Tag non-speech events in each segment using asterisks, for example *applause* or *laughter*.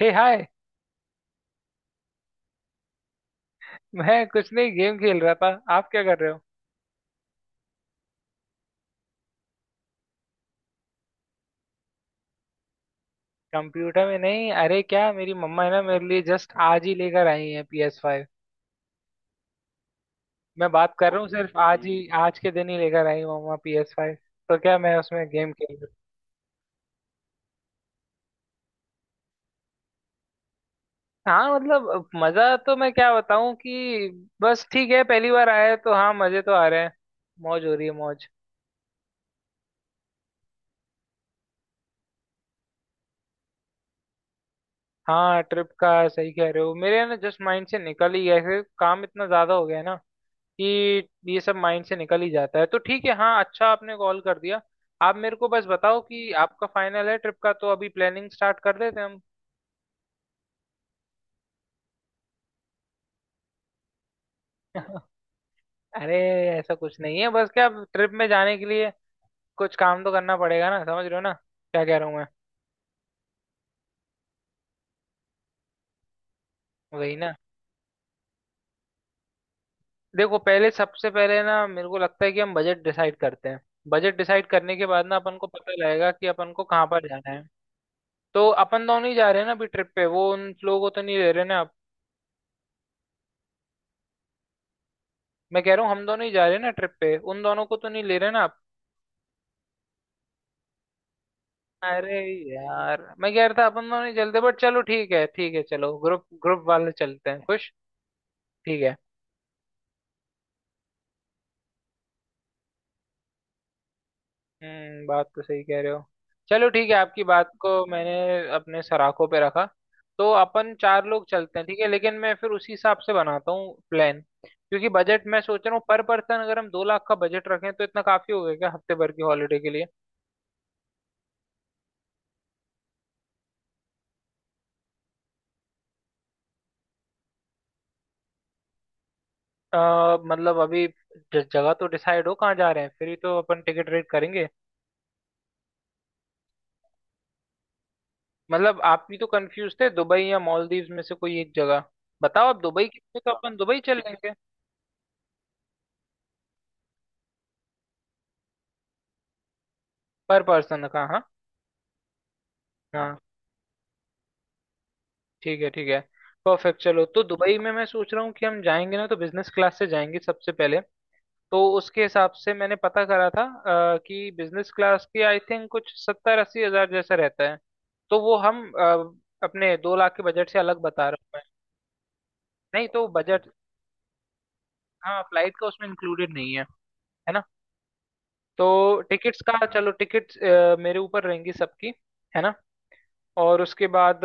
हे hi. मैं कुछ नहीं गेम खेल रहा था। आप क्या कर रहे हो। कंप्यूटर में नहीं। अरे क्या मेरी मम्मा है ना, मेरे लिए जस्ट आज ही लेकर आई है PS5। मैं बात कर रहा हूँ, सिर्फ आज ही आज के दिन ही लेकर आई हूँ मम्मा PS5। तो क्या मैं उसमें गेम खेल रहा हूँ। हाँ, मतलब मजा तो मैं क्या बताऊँ कि बस ठीक है, पहली बार आया है तो हाँ मजे तो आ रहे हैं। मौज हो रही है मौज। हाँ ट्रिप का सही कह रहे हो, मेरे ना जस्ट माइंड से निकल ही गया, ऐसे काम इतना ज्यादा हो गया है ना कि ये सब माइंड से निकल ही जाता है। तो ठीक है हाँ, अच्छा आपने कॉल कर दिया। आप मेरे को बस बताओ कि आपका फाइनल है ट्रिप का, तो अभी प्लानिंग स्टार्ट कर देते हैं हम। *laughs* अरे ऐसा कुछ नहीं है। बस क्या, ट्रिप में जाने के लिए कुछ काम तो करना पड़ेगा ना, समझ रहे हो ना, क्या कह रहा हूँ मैं। वही ना। देखो पहले सबसे पहले ना, मेरे को लगता है कि हम बजट डिसाइड करते हैं। बजट डिसाइड करने के बाद ना अपन को पता लगेगा कि अपन को कहाँ पर जाना है। तो अपन दोनों ही जा रहे हैं ना अभी ट्रिप पे, वो उन लोगों को तो नहीं ले रहे ना। मैं कह रहा हूँ हम दोनों ही जा रहे हैं ना ट्रिप पे, उन दोनों को तो नहीं ले रहे ना आप। अरे यार मैं कह रहा था अपन दोनों ही चलते, बट चलो ठीक है ठीक है, चलो ग्रुप ग्रुप वाले चलते हैं, खुश। ठीक है। हम्म, बात तो सही कह रहे हो। चलो ठीक है, आपकी बात को मैंने अपने सराखों पे रखा। तो अपन चार लोग चलते हैं, ठीक है, लेकिन मैं फिर उसी हिसाब से बनाता हूँ प्लान। क्योंकि बजट मैं सोच रहा हूँ पर पर्सन, अगर हम 2 लाख का बजट रखें तो इतना काफी हो गया क्या हफ्ते भर की हॉलीडे के लिए। अ, मतलब अभी जगह तो डिसाइड हो कहाँ जा रहे हैं फिर ही तो अपन टिकट रेट करेंगे। मतलब आप भी तो कंफ्यूज थे दुबई या मालदीव्स में से, कोई एक जगह बताओ। आप दुबई की, तो अपन दुबई चल लेंगे। पर पर्सन का हाँ। हाँ ठीक है ठीक है। परफेक्ट चलो, तो दुबई में मैं सोच रहा हूँ कि हम जाएंगे ना तो बिजनेस क्लास से जाएंगे सबसे पहले। तो उसके हिसाब से मैंने पता करा था कि बिजनेस क्लास की आई थिंक कुछ 70-80 हज़ार जैसा रहता है। तो वो हम अपने 2 लाख के बजट से अलग बता रहा हूँ मैं। नहीं तो बजट, हाँ फ्लाइट का उसमें इंक्लूडेड नहीं है, है ना। तो टिकट्स का, चलो टिकट्स मेरे ऊपर रहेंगी सबकी, है ना। और उसके बाद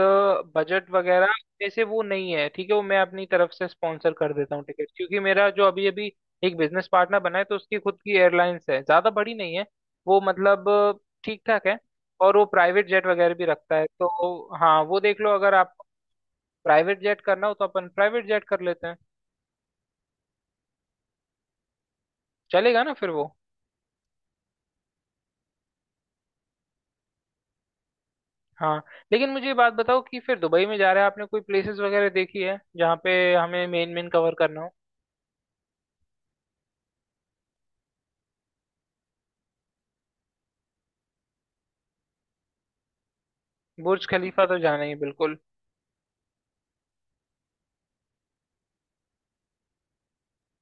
बजट वगैरह जैसे वो नहीं है ठीक है, वो मैं अपनी तरफ से स्पॉन्सर कर देता हूँ टिकट, क्योंकि मेरा जो अभी अभी एक बिजनेस पार्टनर बना है तो उसकी खुद की एयरलाइंस है, ज़्यादा बड़ी नहीं है वो, मतलब ठीक ठाक है। और वो प्राइवेट जेट वगैरह भी रखता है, तो हाँ वो देख लो अगर आप प्राइवेट जेट करना हो तो अपन प्राइवेट जेट कर लेते हैं। चलेगा ना फिर वो। हाँ लेकिन मुझे ये बात बताओ कि फिर दुबई में जा रहे हैं, आपने कोई प्लेसेस वगैरह देखी है जहाँ पे हमें मेन मेन कवर करना हो। बुर्ज खलीफा तो जाना ही है बिल्कुल।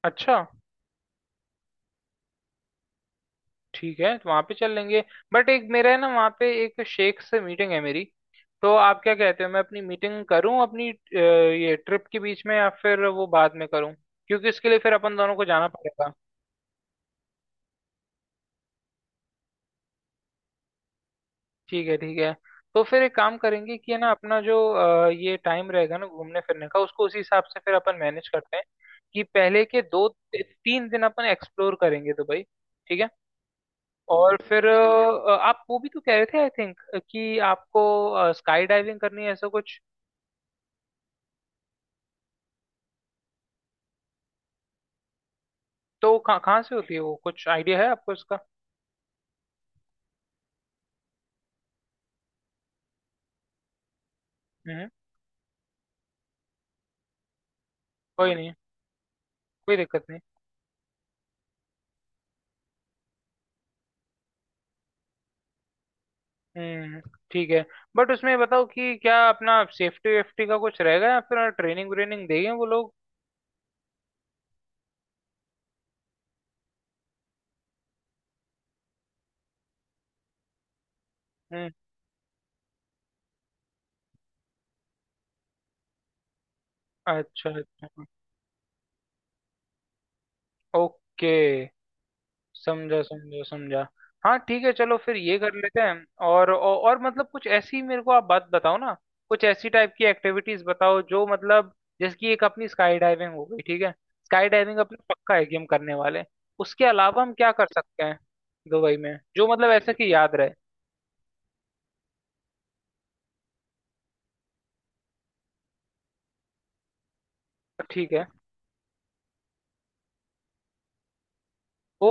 अच्छा ठीक है, तो वहाँ पे चल लेंगे। बट एक मेरा है ना, वहाँ पे एक शेख से मीटिंग है मेरी। तो आप क्या कहते हो, मैं अपनी मीटिंग करूँ अपनी ये ट्रिप के बीच में, या फिर वो बाद में करूँ, क्योंकि इसके लिए फिर अपन दोनों को जाना पड़ेगा। ठीक है ठीक है। तो फिर एक काम करेंगे कि है ना अपना जो ये टाइम रहेगा ना घूमने फिरने का उसको उसी हिसाब से फिर अपन मैनेज करते हैं, कि पहले के 2-3 दिन अपन एक्सप्लोर करेंगे दुबई। ठीक है। और फिर आप वो भी तो कह रहे थे आई थिंक कि आपको स्काई डाइविंग करनी है ऐसा कुछ। तो कहाँ कहाँ से होती है वो, कुछ आइडिया है आपको उसका। हम्म। कोई नहीं, कोई दिक्कत नहीं। हम्म। ठीक है, बट उसमें ये बताओ कि क्या अपना सेफ्टी वेफ्टी का कुछ रहेगा या फिर ट्रेनिंग व्रेनिंग देंगे वो लोग। हम्म। अच्छा अच्छा। ओके, समझा समझा समझा। हाँ ठीक है, चलो फिर ये कर लेते हैं। और औ- और मतलब कुछ ऐसी मेरे को आप बात बताओ ना, कुछ ऐसी टाइप की एक्टिविटीज बताओ जो मतलब, जैसे कि एक अपनी स्काई डाइविंग हो गई, ठीक है। स्काई डाइविंग अपना पक्का है कि हम करने वाले हैं। उसके अलावा हम क्या कर सकते हैं दुबई में, जो मतलब ऐसा कि याद रहे, ठीक है। ओ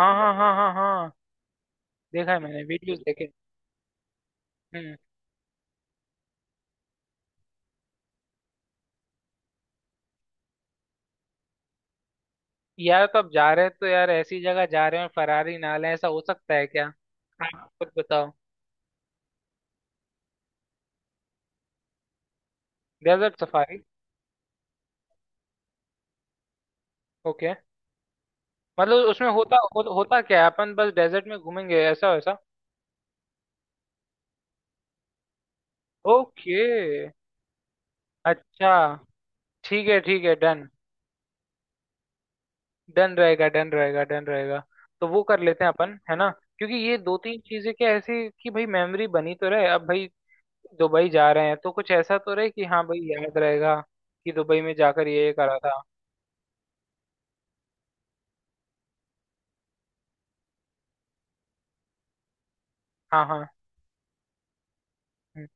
हाँ हाँ हाँ हाँ हाँ। देखा है मैंने, वीडियोस देखे। हम्म। यार तो अब जा रहे हैं तो यार ऐसी जगह जा रहे हैं, फरारी ना लें ऐसा हो सकता है क्या, आप खुद बताओ। Desert safari. ओके, मतलब उसमें होता क्या है, अपन बस डेजर्ट में घूमेंगे ऐसा वैसा। ओके अच्छा। ठीक है ठीक है, डन। डन रहेगा डन रहेगा डन रहेगा। तो वो कर लेते हैं अपन, है ना। क्योंकि ये दो तीन चीजें क्या, ऐसी कि भाई मेमोरी बनी तो रहे। अब भाई दुबई जा रहे हैं तो कुछ ऐसा तो रहे कि हाँ भाई याद रहेगा कि दुबई में जाकर ये करा था। हाँ हाँ।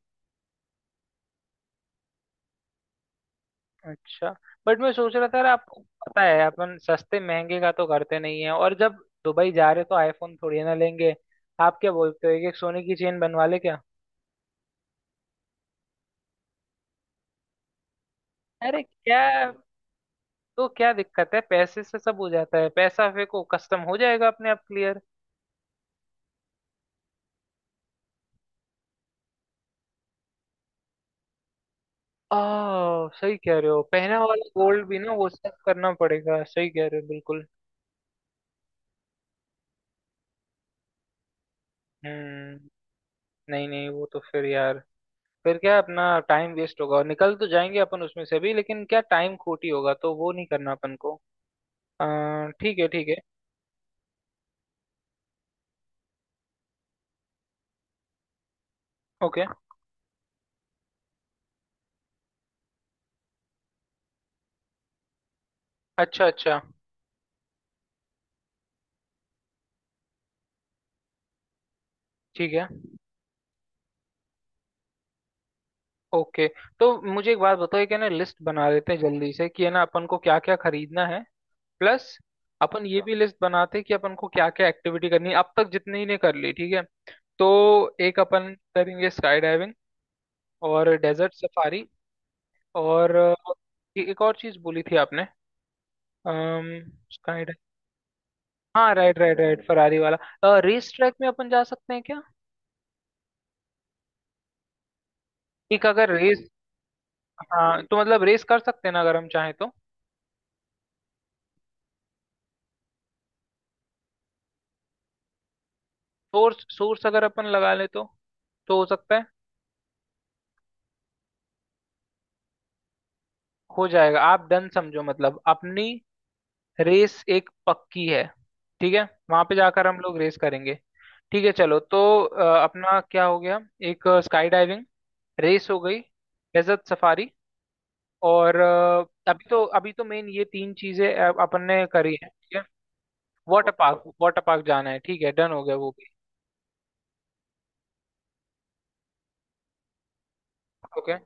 अच्छा, बट मैं सोच रहा था यार, आपको पता है अपन सस्ते महंगे का तो करते नहीं है, और जब दुबई जा रहे तो आईफोन थोड़ी ना लेंगे। आप क्या बोलते हो, एक एक सोने की चेन बनवा ले क्या। अरे क्या, तो क्या दिक्कत है, पैसे से सब हो जाता है, पैसा फेंको कस्टम हो जाएगा अपने आप क्लियर। आ सही कह रहे हो, पहना वाला गोल्ड भी ना, वो सब करना पड़ेगा, सही कह रहे हो बिल्कुल। हम्म। नहीं नहीं, वो तो फिर यार, फिर क्या अपना टाइम वेस्ट होगा और निकल तो जाएंगे अपन उसमें से भी, लेकिन क्या टाइम खोटी होगा तो वो नहीं करना अपन को। अ, ठीक है ठीक है। ओके अच्छा अच्छा, ठीक है ओके। तो मुझे एक बात बताओ, एक है ना लिस्ट बना लेते हैं जल्दी से कि है ना अपन को क्या क्या खरीदना है। प्लस अपन ये भी लिस्ट बनाते हैं कि अपन को क्या क्या एक्टिविटी करनी है अब तक जितनी ने कर ली, ठीक है। तो एक अपन करेंगे स्काई डाइविंग और डेजर्ट सफारी और एक और चीज बोली थी आपने। Sky dive. हाँ, राइट राइट राइट, फरारी वाला। रेस ट्रैक में अपन जा सकते हैं क्या। एक अगर रेस, हाँ तो मतलब रेस कर सकते हैं ना अगर हम चाहें तो। सोर्स सोर्स अगर अपन लगा ले तो हो सकता है। हो जाएगा, आप डन समझो, मतलब अपनी रेस एक पक्की है, ठीक है। वहां पे जाकर हम लोग रेस करेंगे। ठीक है चलो, तो अपना क्या हो गया, एक स्काई डाइविंग, रेस हो गई, डेजर्ट सफारी, और अभी तो मेन ये तीन चीजें अपन ने करी है, ठीक है। Water park. वाटर पार्क जाना है ठीक है, डन हो गया वो भी। ओके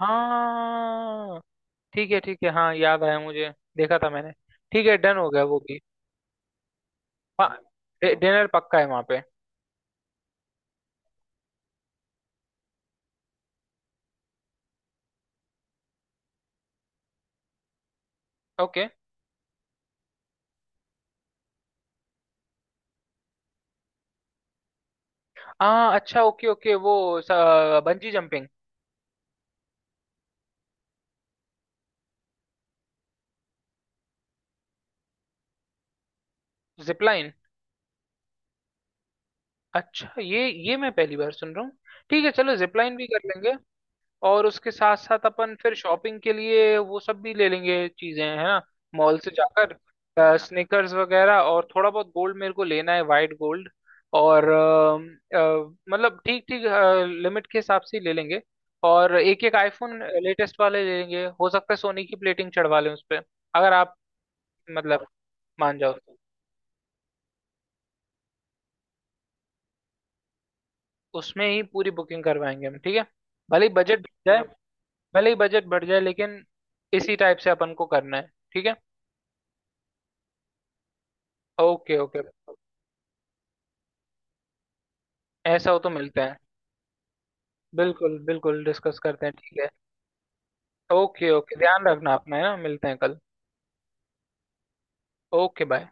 हाँ ठीक है ठीक है, हाँ याद आया मुझे, देखा था मैंने। ठीक है, डन हो गया वो भी। हाँ, डिनर पक्का है वहाँ पे। ओके, हाँ अच्छा, ओके ओके वो बंजी जंपिंग, जिपलाइन। अच्छा, ये मैं पहली बार सुन रहा हूँ। ठीक है, चलो जिपलाइन भी कर लेंगे। और उसके साथ साथ अपन फिर शॉपिंग के लिए वो सब भी ले लेंगे चीजें, है ना। मॉल से जाकर स्निकर्स वगैरह और थोड़ा बहुत गोल्ड मेरे को लेना है, वाइट गोल्ड। और मतलब ठीक ठीक लिमिट के हिसाब से ही ले लेंगे। और एक एक आईफोन लेटेस्ट वाले ले लेंगे, हो सकता है सोनी की प्लेटिंग चढ़वा लें उस पर, अगर आप मतलब मान जाओ तो। उसमें ही पूरी बुकिंग करवाएंगे हम, ठीक है। भले ही बजट बढ़ जाए, भले ही बजट बढ़ जाए लेकिन इसी टाइप से अपन को करना है, ठीक है। Okay okay. ऐसा हो तो मिलते हैं। बिल्कुल बिल्कुल डिस्कस करते हैं, ठीक है। ओके ओके, ध्यान रखना अपना, है ना, मिलते हैं कल। Okay bye.